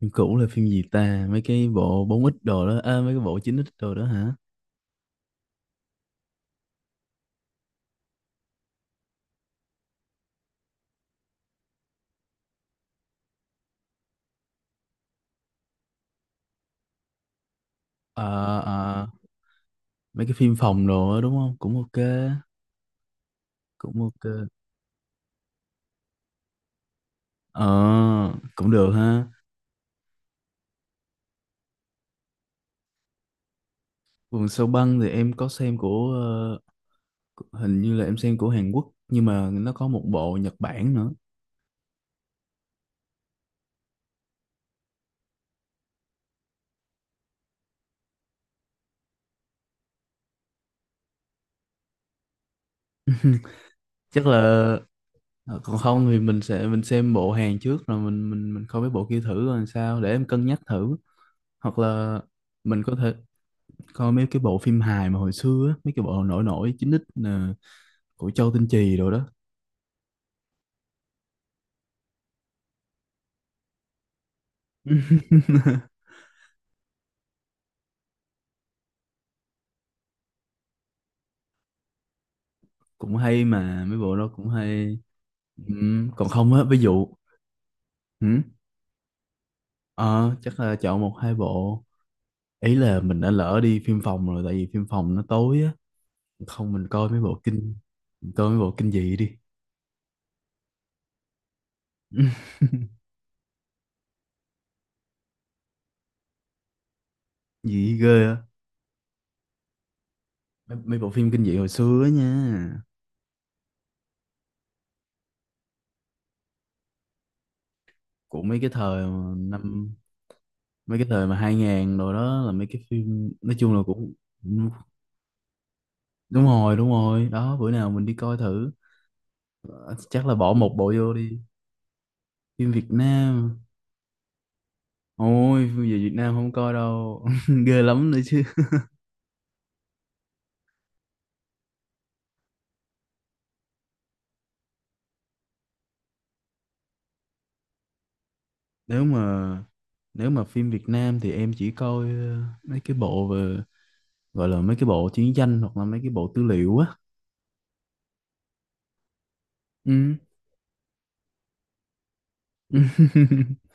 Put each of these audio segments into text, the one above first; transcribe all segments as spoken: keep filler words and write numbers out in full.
Phim cũ là phim gì ta? Mấy cái bộ bốn x đồ đó, à, mấy cái bộ chín x đồ đó hả? Ờ, ờ, mấy cái phim phòng đồ đó đúng không? Cũng ok, cũng ok. Ờ, cũng được ha. Vườn sâu băng thì em có xem của, ờ, hình như là em xem của Hàn Quốc, nhưng mà nó có một bộ Nhật Bản nữa. Chắc là, ờ, còn không thì mình sẽ mình xem bộ Hàn trước rồi mình mình mình coi mấy bộ kia thử rồi sao để em cân nhắc thử. Hoặc là mình có thể coi mấy cái bộ phim hài mà hồi xưa á, mấy cái bộ nổi nổi chín x nè, của Châu Tinh Trì rồi đó. Cũng hay mà mấy bộ đó cũng hay. Ừm, còn không á, ví dụ ừm, ờ, chắc là chọn một hai bộ. Ý là mình đã lỡ đi phim phòng rồi tại vì phim phòng nó tối á, không mình coi mấy bộ kinh mình coi mấy bộ kinh dị đi. Dị ghê á. Mấy, mấy bộ phim kinh dị hồi xưa á nha. Của mấy cái thời mà năm mấy cái thời mà hai ngàn rồi đó, là mấy cái phim nói chung là cũng đúng rồi, đúng rồi đó, bữa nào mình đi coi thử. Ờ, chắc là bỏ một bộ vô đi. Phim Việt Nam, ôi phim về Việt Nam không coi đâu, ghê lắm nữa chứ. Nếu mà nếu mà phim Việt Nam thì em chỉ coi ờ, mấy cái bộ về gọi là mấy cái bộ chiến tranh, hoặc là mấy cái bộ tư liệu á. Ừ.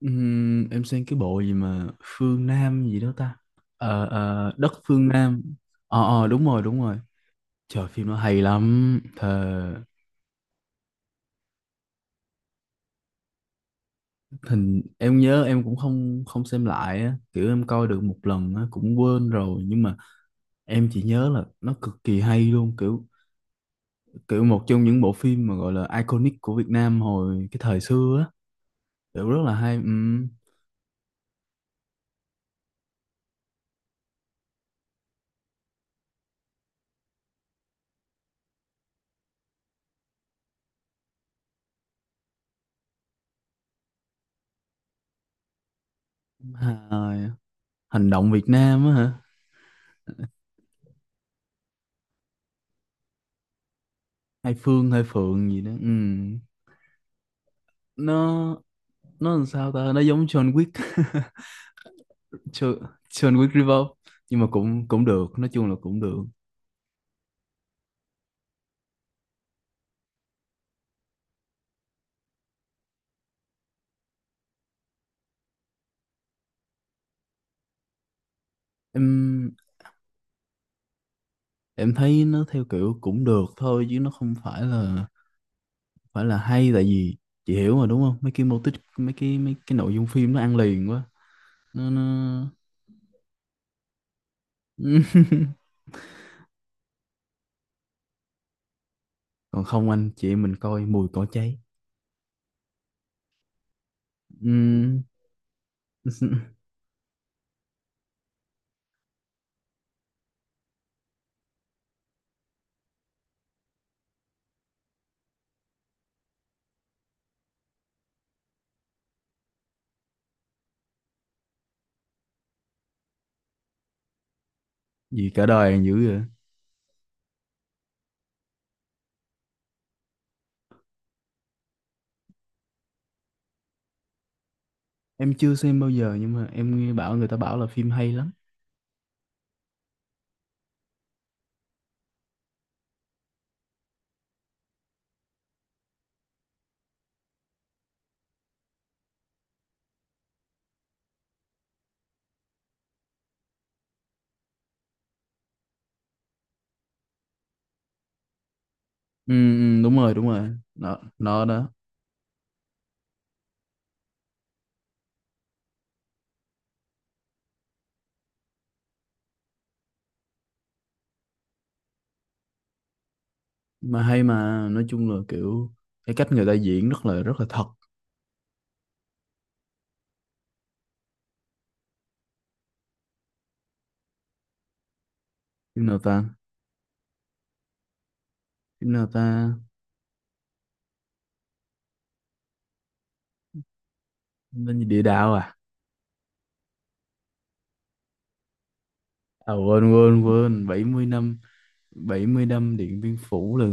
Ừm, em xem cái bộ gì mà Phương Nam gì đó ta. Ờ, ờ, đất Phương Nam. Ờ, ờ, đúng rồi đúng rồi, trời phim nó hay lắm thề. Hình em nhớ em cũng không không xem lại á, kiểu em coi được một lần á cũng quên rồi, nhưng mà em chỉ nhớ là nó cực kỳ hay luôn, kiểu kiểu một trong những bộ phim mà gọi là iconic của Việt Nam hồi cái thời xưa á, kiểu rất là hay. Ừm, hài. Hành động Việt Nam á hả. Hai Phương, hai Phượng gì đó. Ừm. nó nó làm sao ta, nó giống John Wick. John, John Wick Revolve, nhưng mà cũng cũng được, nói chung là cũng được. Em em thấy nó theo kiểu cũng được thôi chứ nó không phải là phải là hay, tại vì chị hiểu mà đúng không, mấy cái mô típ mấy cái mấy cái nội dung phim nó ăn liền quá. Nó nó còn không anh chị em mình coi mùi cỏ cháy. Ừm, gì cả đời còn dữ vậy. Em chưa xem bao giờ nhưng mà em nghe bảo người ta bảo là phim hay lắm. Ừm, đúng rồi đúng rồi nó nó đó. Mà hay, mà nói chung là kiểu cái cách người ta diễn rất là rất là thật. Phim nào ta, phim nào ta? Phim tên gì? Địa Đạo à. À, quên quên quên, bảy mươi năm, bảy mươi năm Điện Biên Phủ là.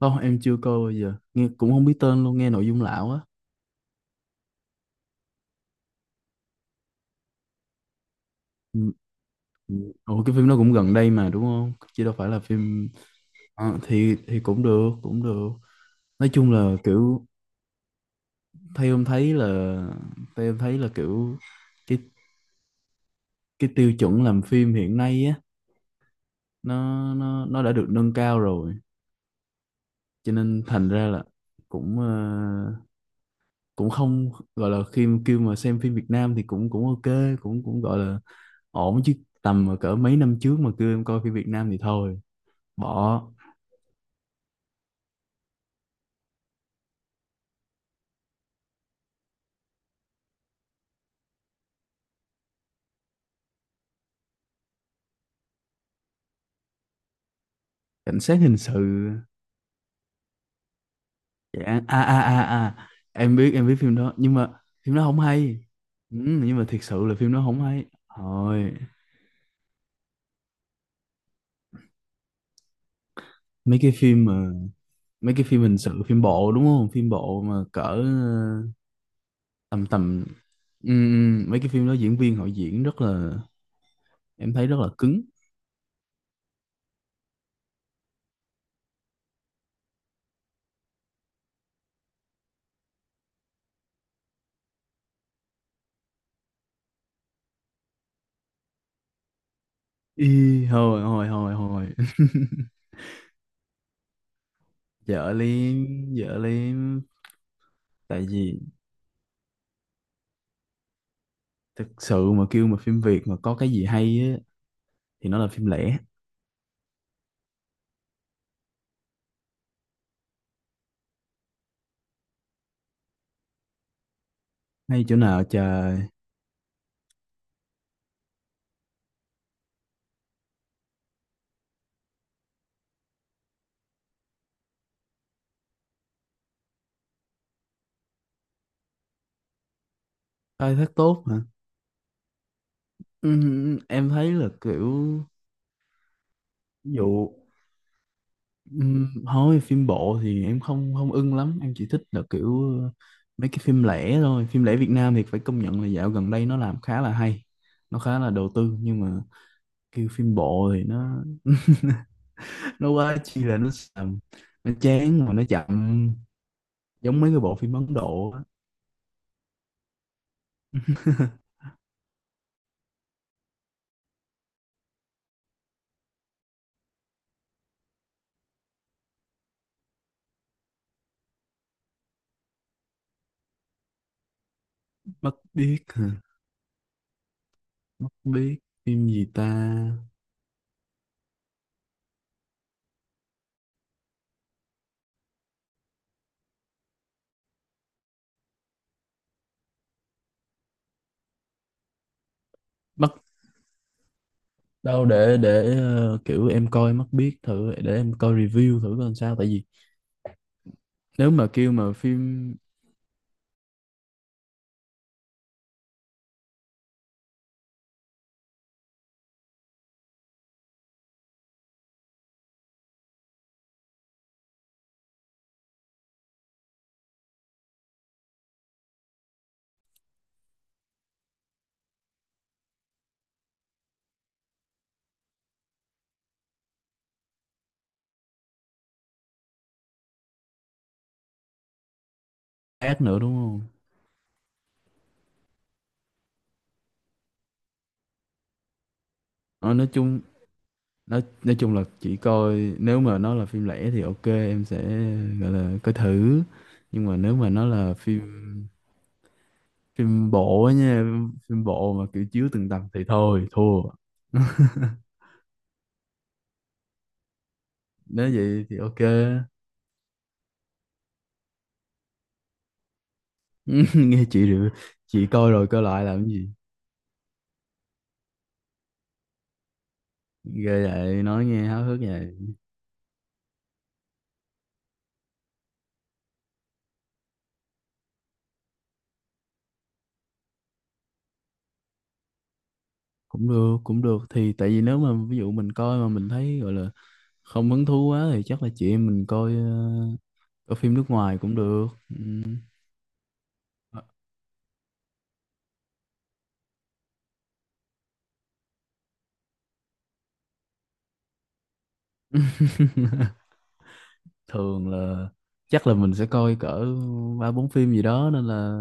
Không em chưa coi bao giờ, nghe cũng không biết tên luôn, nghe nội dung lão á. Ừ, ừ. Ủa cái phim nó cũng gần đây mà đúng không, chứ đâu phải là phim. Ờ, thì thì cũng được, cũng được, nói chung là kiểu theo em thấy là theo em thấy là kiểu cái cái tiêu chuẩn làm phim hiện nay á, nó nó nó đã được nâng cao rồi, cho nên thành ra là cũng ờ, cũng không gọi là, khi kêu mà xem phim Việt Nam thì cũng cũng ok, cũng cũng gọi là ổn chứ, tầm mà cỡ mấy năm trước mà kêu em coi phim Việt Nam thì thôi, bỏ. Cảnh sát hình sự. Dạ, à à à à, em biết, em biết phim đó nhưng mà phim đó không hay. Ừ, nhưng mà thiệt sự là phim đó không hay, thôi. Mấy cái phim mà, mấy cái phim hình sự phim bộ đúng không, phim bộ mà cỡ ờ, tầm tầm. Ừ, ừ, mấy cái phim đó diễn viên họ diễn rất là, em thấy rất là cứng. Ý, hồi hồi hồi hồi dở liếm, dở liếm, tại vì thực sự mà kêu mà phim Việt mà có cái gì hay á thì nó là phim lẻ. Hay chỗ nào trời. Khai thác tốt hả. Ừm, em thấy là kiểu ví dụ ừm, thôi phim bộ thì em không không ưng lắm, em chỉ thích là kiểu ờ, mấy cái phim lẻ thôi, phim lẻ Việt Nam thì phải công nhận là dạo gần đây nó làm khá là hay, nó khá là đầu tư. Nhưng mà kêu phim bộ thì nó nó quá chi là nó xàm, nó chán mà nó chậm, giống mấy cái bộ phim Ấn Độ á. Mắt biếc hả? Mắt biếc, phim gì ta. Mắt đâu, để để ờ, kiểu em coi Mắt biết thử để em coi review thử coi sao, tại vì nếu mà kêu mà phim ác nữa đúng không. Ờ, nói chung nói nói chung là chỉ coi, nếu mà nó là phim lẻ thì ok em sẽ gọi là coi thử, nhưng mà nếu mà nó là phim phim bộ á nha, phim bộ mà kiểu chiếu từng tập thì thôi thua. Nếu vậy thì ok. Nghe chị rồi, chị coi rồi coi lại làm cái gì. Ghê vậy, nói nghe háo hức vậy. Cũng được, cũng được, thì tại vì nếu mà ví dụ mình coi mà mình thấy gọi là không hứng thú quá thì chắc là chị em mình coi ờ, coi phim nước ngoài cũng được. Ừm. Ờ, thường là chắc là mình sẽ coi cỡ ba bốn phim gì đó, nên là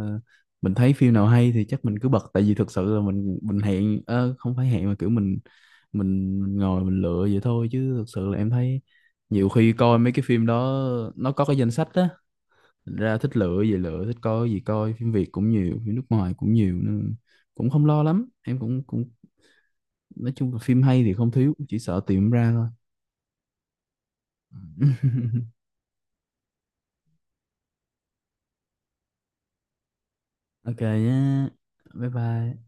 mình thấy phim nào hay thì chắc mình cứ bật, tại vì thực sự là mình mình hẹn, ờ, không phải hẹn mà kiểu mình mình mình ngồi mình lựa vậy thôi, chứ thực sự là em thấy nhiều khi coi mấy cái phim đó nó có cái danh sách á, thành ra thích lựa gì lựa, thích coi cái gì coi, phim Việt cũng nhiều, phim nước ngoài cũng nhiều, nên cũng không lo lắm, em cũng cũng nói chung là phim hay thì không thiếu, chỉ sợ tìm ra thôi. Ok nhé, bye bye.